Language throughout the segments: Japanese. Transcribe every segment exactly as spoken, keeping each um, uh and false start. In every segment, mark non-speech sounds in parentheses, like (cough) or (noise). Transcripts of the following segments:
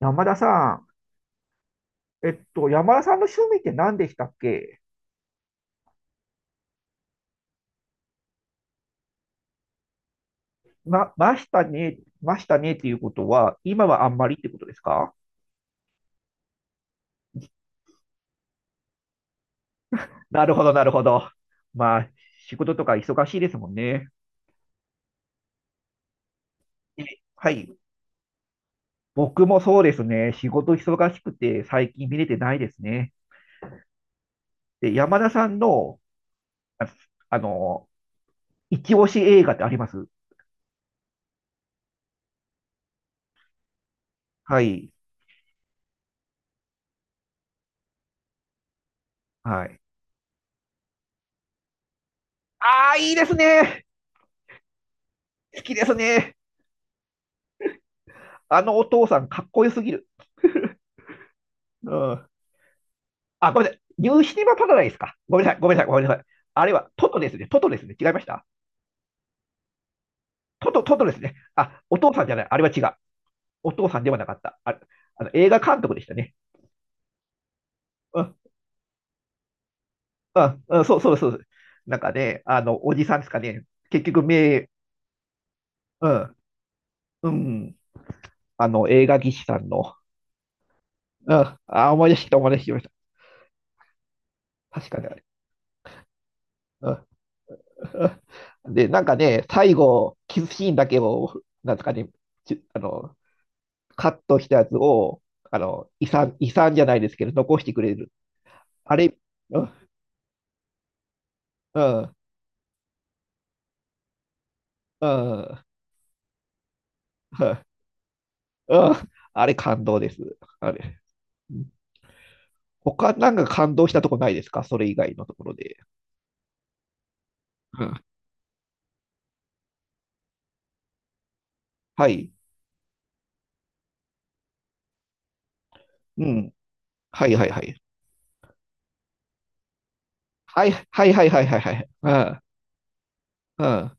山田さん、えっと、山田さんの趣味って何でしたっけ？ま、ましたね、ましたねっていうことは、今はあんまりってことですか？なるほど、なるほど。まあ、仕事とか忙しいですもんね。え、はい。僕もそうですね。仕事忙しくて、最近見れてないですね。で、山田さんの、あ、あの、一押し映画ってありますはい。はい。ああ、いいですね。好きですね。あのお父さん、かっこよすぎる。(laughs) うん。あ、ごめんなさい。ニューシネマパラダイスか。ごめんなさい、ごめんなさい、ごめんなさい。あれはトトですね。トトですね。違いましたトト、トトですね。あ、お父さんじゃない。あれは違う。お父さんではなかった。あれ、あの映画監督でしたね。うん、うん、うん、そうそうそう。なんかね、あの、おじさんですかね。結局、名、うん、うん、あの、映画技師さんの、うん、あ、思い出してきた、思い出してきました。確かにあれ。うん。(laughs) で、なんかね、最後、キスシーンだけを、なんですかね、ちあの、カットしたやつを、あの、遺産、遺産じゃないですけど、残してくれる。あれ、うん、うん、うん、うん、あれ感動です。あれ。うん。他なんか感動したとこないですか？それ以外のところで。うん、はい。うん。はいはいはい。はいはいはいはいはいはい。うん。うん。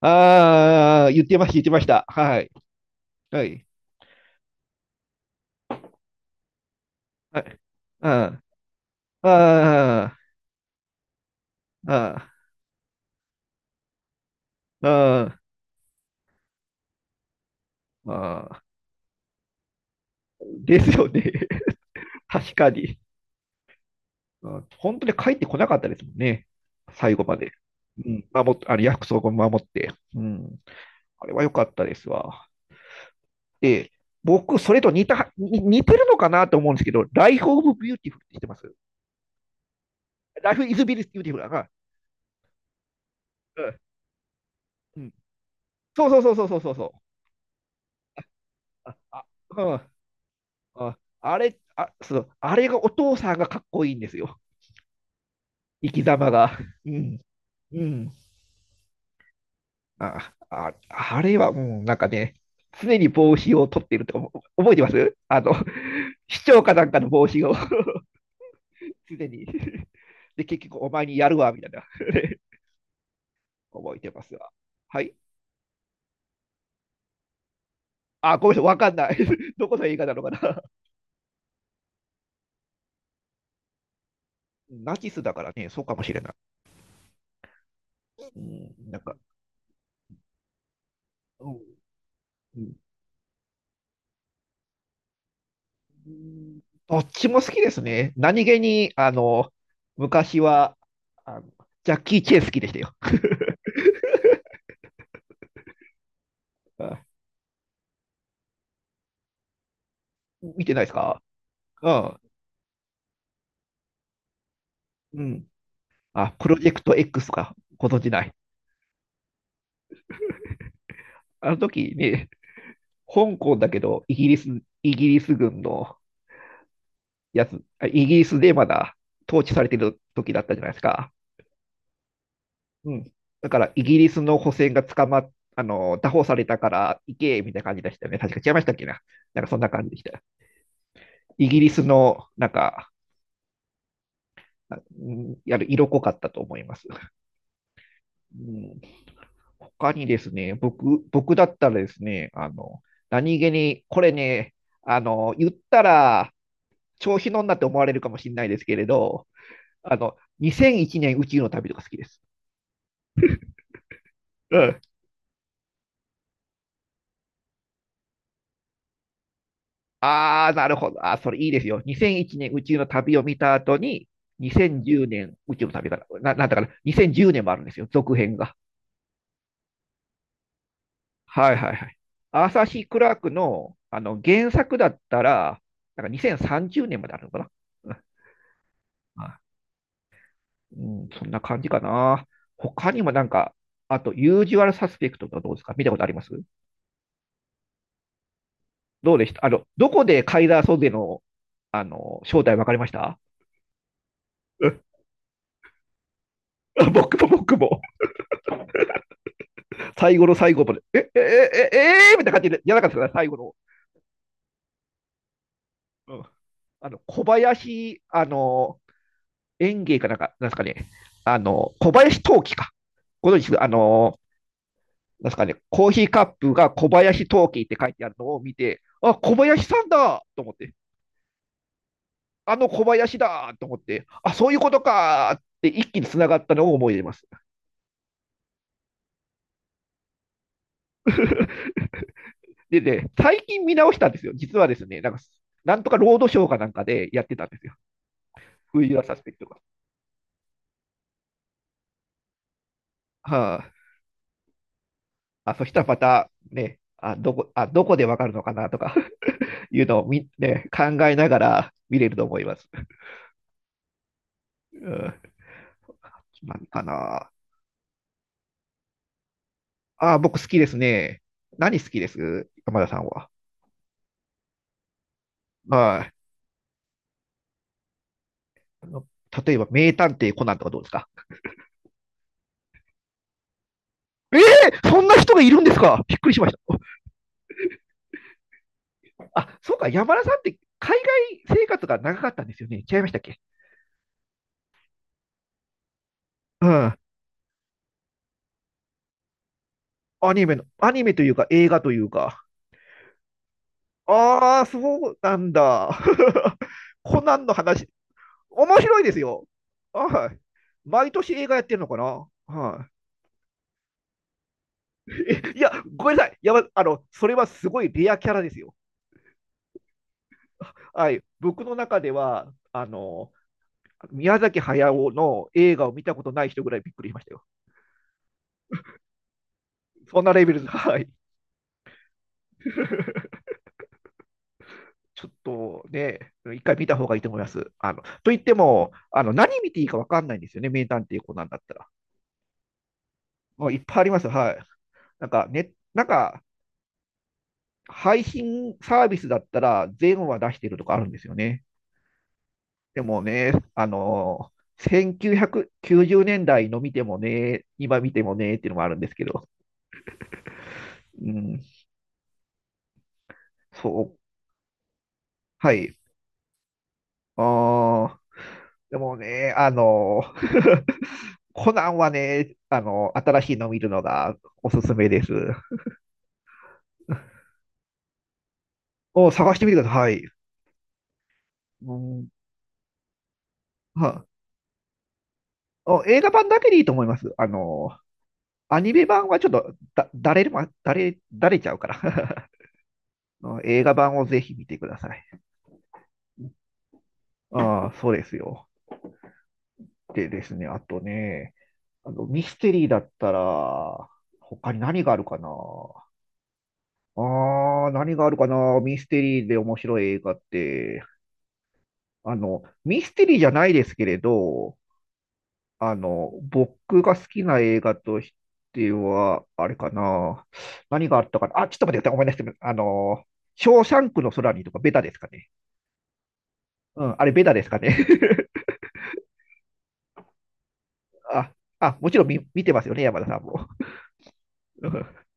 ああ、言ってました、言ってました。はい。はい。はい。うん。ああ、ああ、ああ、ですよね。(laughs) 確かに。うん、本当に帰ってこなかったですもんね。最後まで。うん、守っあの約束を守って。うん、あれは良かったですわ。で、僕、それと似た、に似てるのかなと思うんですけど、Life of Beautiful って知ってます ?Life is Beautiful だな。うん。うん。そうそうそうそうそうそう。あ、あ、うん。ああれ、あ、そう、あれがお父さんがかっこいいんですよ。生き様が。うん。うん。あ、あ、あれはもうなんかね、常に帽子を取っていると思、覚えてます、あの、(laughs) 市長かなんかの帽子を、 (laughs) 常に、で、結局お前にやるわ、みたいな。 (laughs) 覚えてますわ。はい。あ、ごめんなさい、わかんない。(laughs) どこの映画なのかな。(laughs) ナチスだからね、そうかもしれない。うん、なんか、うん、うん、うん。どっちも好きですね。何気に、あの、昔は、あの、ジャッキー・チェン好きでしたよ。(laughs) あ、見てないですか？うん。うん、あ、プロジェクト X か、ご存じないあの時ね、香港だけど、イギリス、イギリス軍のやつ、あ、イギリスでまだ統治されてる時だったじゃないですか。うん。だから、イギリスの補選が捕まっ、あの、拿捕されたから行け、みたいな感じでしたよね。確か違いましたっけな。なんかそんな感じでした。イギリスの、なんか、あうんやる色濃かったと思います。うん。他にですね、僕、僕だったらですね、あの、何気に、これね、あの、言ったら、調子乗んなって思われるかもしれないですけれど、あの、にせんいちねん宇宙の旅とか好きです。うん。ああ、なるほど。あー、それいいですよ。にせんいちねん宇宙の旅を見た後に、にせんじゅうねん宇宙の旅から、な、なんだから、にせんじゅうねんもあるんですよ、続編が。はいはいはい。アーサー・シー・クラークの、あの原作だったら、なんかにせんさんじゅうねんまであるのかな。うん、うん、そんな感じかな。他にもなんか、あと、ユージュアルサスペクトとかどうですか？見たことありますどうでしたあの、どこでカイザー・ソゼの、あの、正体分かりましたうん。 (laughs) 僕も僕も、最後の最後まで、え、え、え、え、えー、みたいな感じで、やらなかったですね、最後の。うん、あの、小林、あの、園芸かなんか、なんですかね、あの、小林陶器か。ご存知ですあの、なんですかね、コーヒーカップが小林陶器って書いてあるのを見て、あ、小林さんだと思って。あの小林だと思って、あ、そういうことかって一気に繋がったのを思い出ます。(laughs) でね、最近見直したんですよ。実はですね、なんか、なんとかロードショーかなんかでやってたんですよ。冬はサスペクトが。はあ、あ、そしたらまたね、あ、どこ、あ、どこでわかるのかなとか (laughs) いうのをみ、ね、考えながら見れると思います。うん、何かな。あ、僕好きですね。何好きです山田さんは。はい。あ、例えば、名探偵コナンとかどうですか？えー、そんな人がいるんですか？びっくりしました。あ、そうか、山田さんって海外生活が長かったんですよね。違いましたっけ？うん。アニメの、アニメというか映画というか。ああ、そうなんだ。(laughs) コナンの話、面白いですよ。はい。毎年映画やってるのかな？はい。えいや、ごめんなさい。やば、あの、それはすごいレアキャラですよ。はい。僕の中では、あの、宮崎駿の映画を見たことない人ぐらいびっくりしましたよ。そんなレベルです。はい。(laughs) ちょっとね、一回見た方がいいと思います。あのと言っても、あの何見ていいか分かんないんですよね、名探偵コナンだったら。もういっぱいありますよ、はい。なんか、ね、なんか配信サービスだったら、全話出してるとかあるんですよね。でもね、あのせんきゅうひゃくきゅうじゅうねんだいの見てもね、今見てもねっていうのもあるんですけど、うん、そう、はい。あー、でもね、あのーコナンはね、あの、新しいの見るのがおすすめです。を探してみてください。うん。はお、映画版だけでいいと思います。あの、アニメ版はちょっとだ、だれるま、だれ、だれちゃうから。 (laughs) うん、映画版をぜひ見てください。ああ、そうですよ。でですね、あとね、あの、ミステリーだったら、他に何があるかな。ああ、何があるかな、ミステリーで面白い映画って。あの、ミステリーじゃないですけれど、あの、僕が好きな映画としては、あれかな。何があったかな。あ、ちょっと待ってください。ごめんなさい。あの、ショーシャンクの空にとかベタですかね。うん、あれベタですかね。(laughs) あ、あ、もちろん見、見てますよね、山田さんも。(laughs)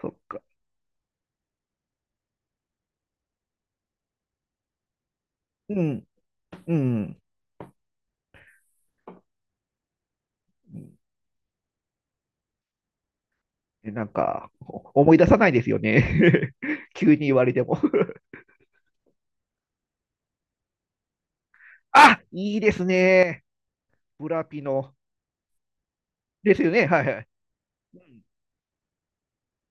そっか。うん、うん。なんか、お、思い出さないですよね。(laughs) 急に言われても。(laughs) あ、いいですね。ブラピの。ですよね。はいはい。う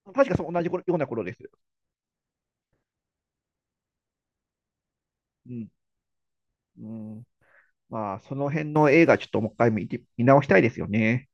ん、確かそう同じ頃ような頃です。うん。うん、まあ、その辺の映画、ちょっともう一回見て、見直したいですよね。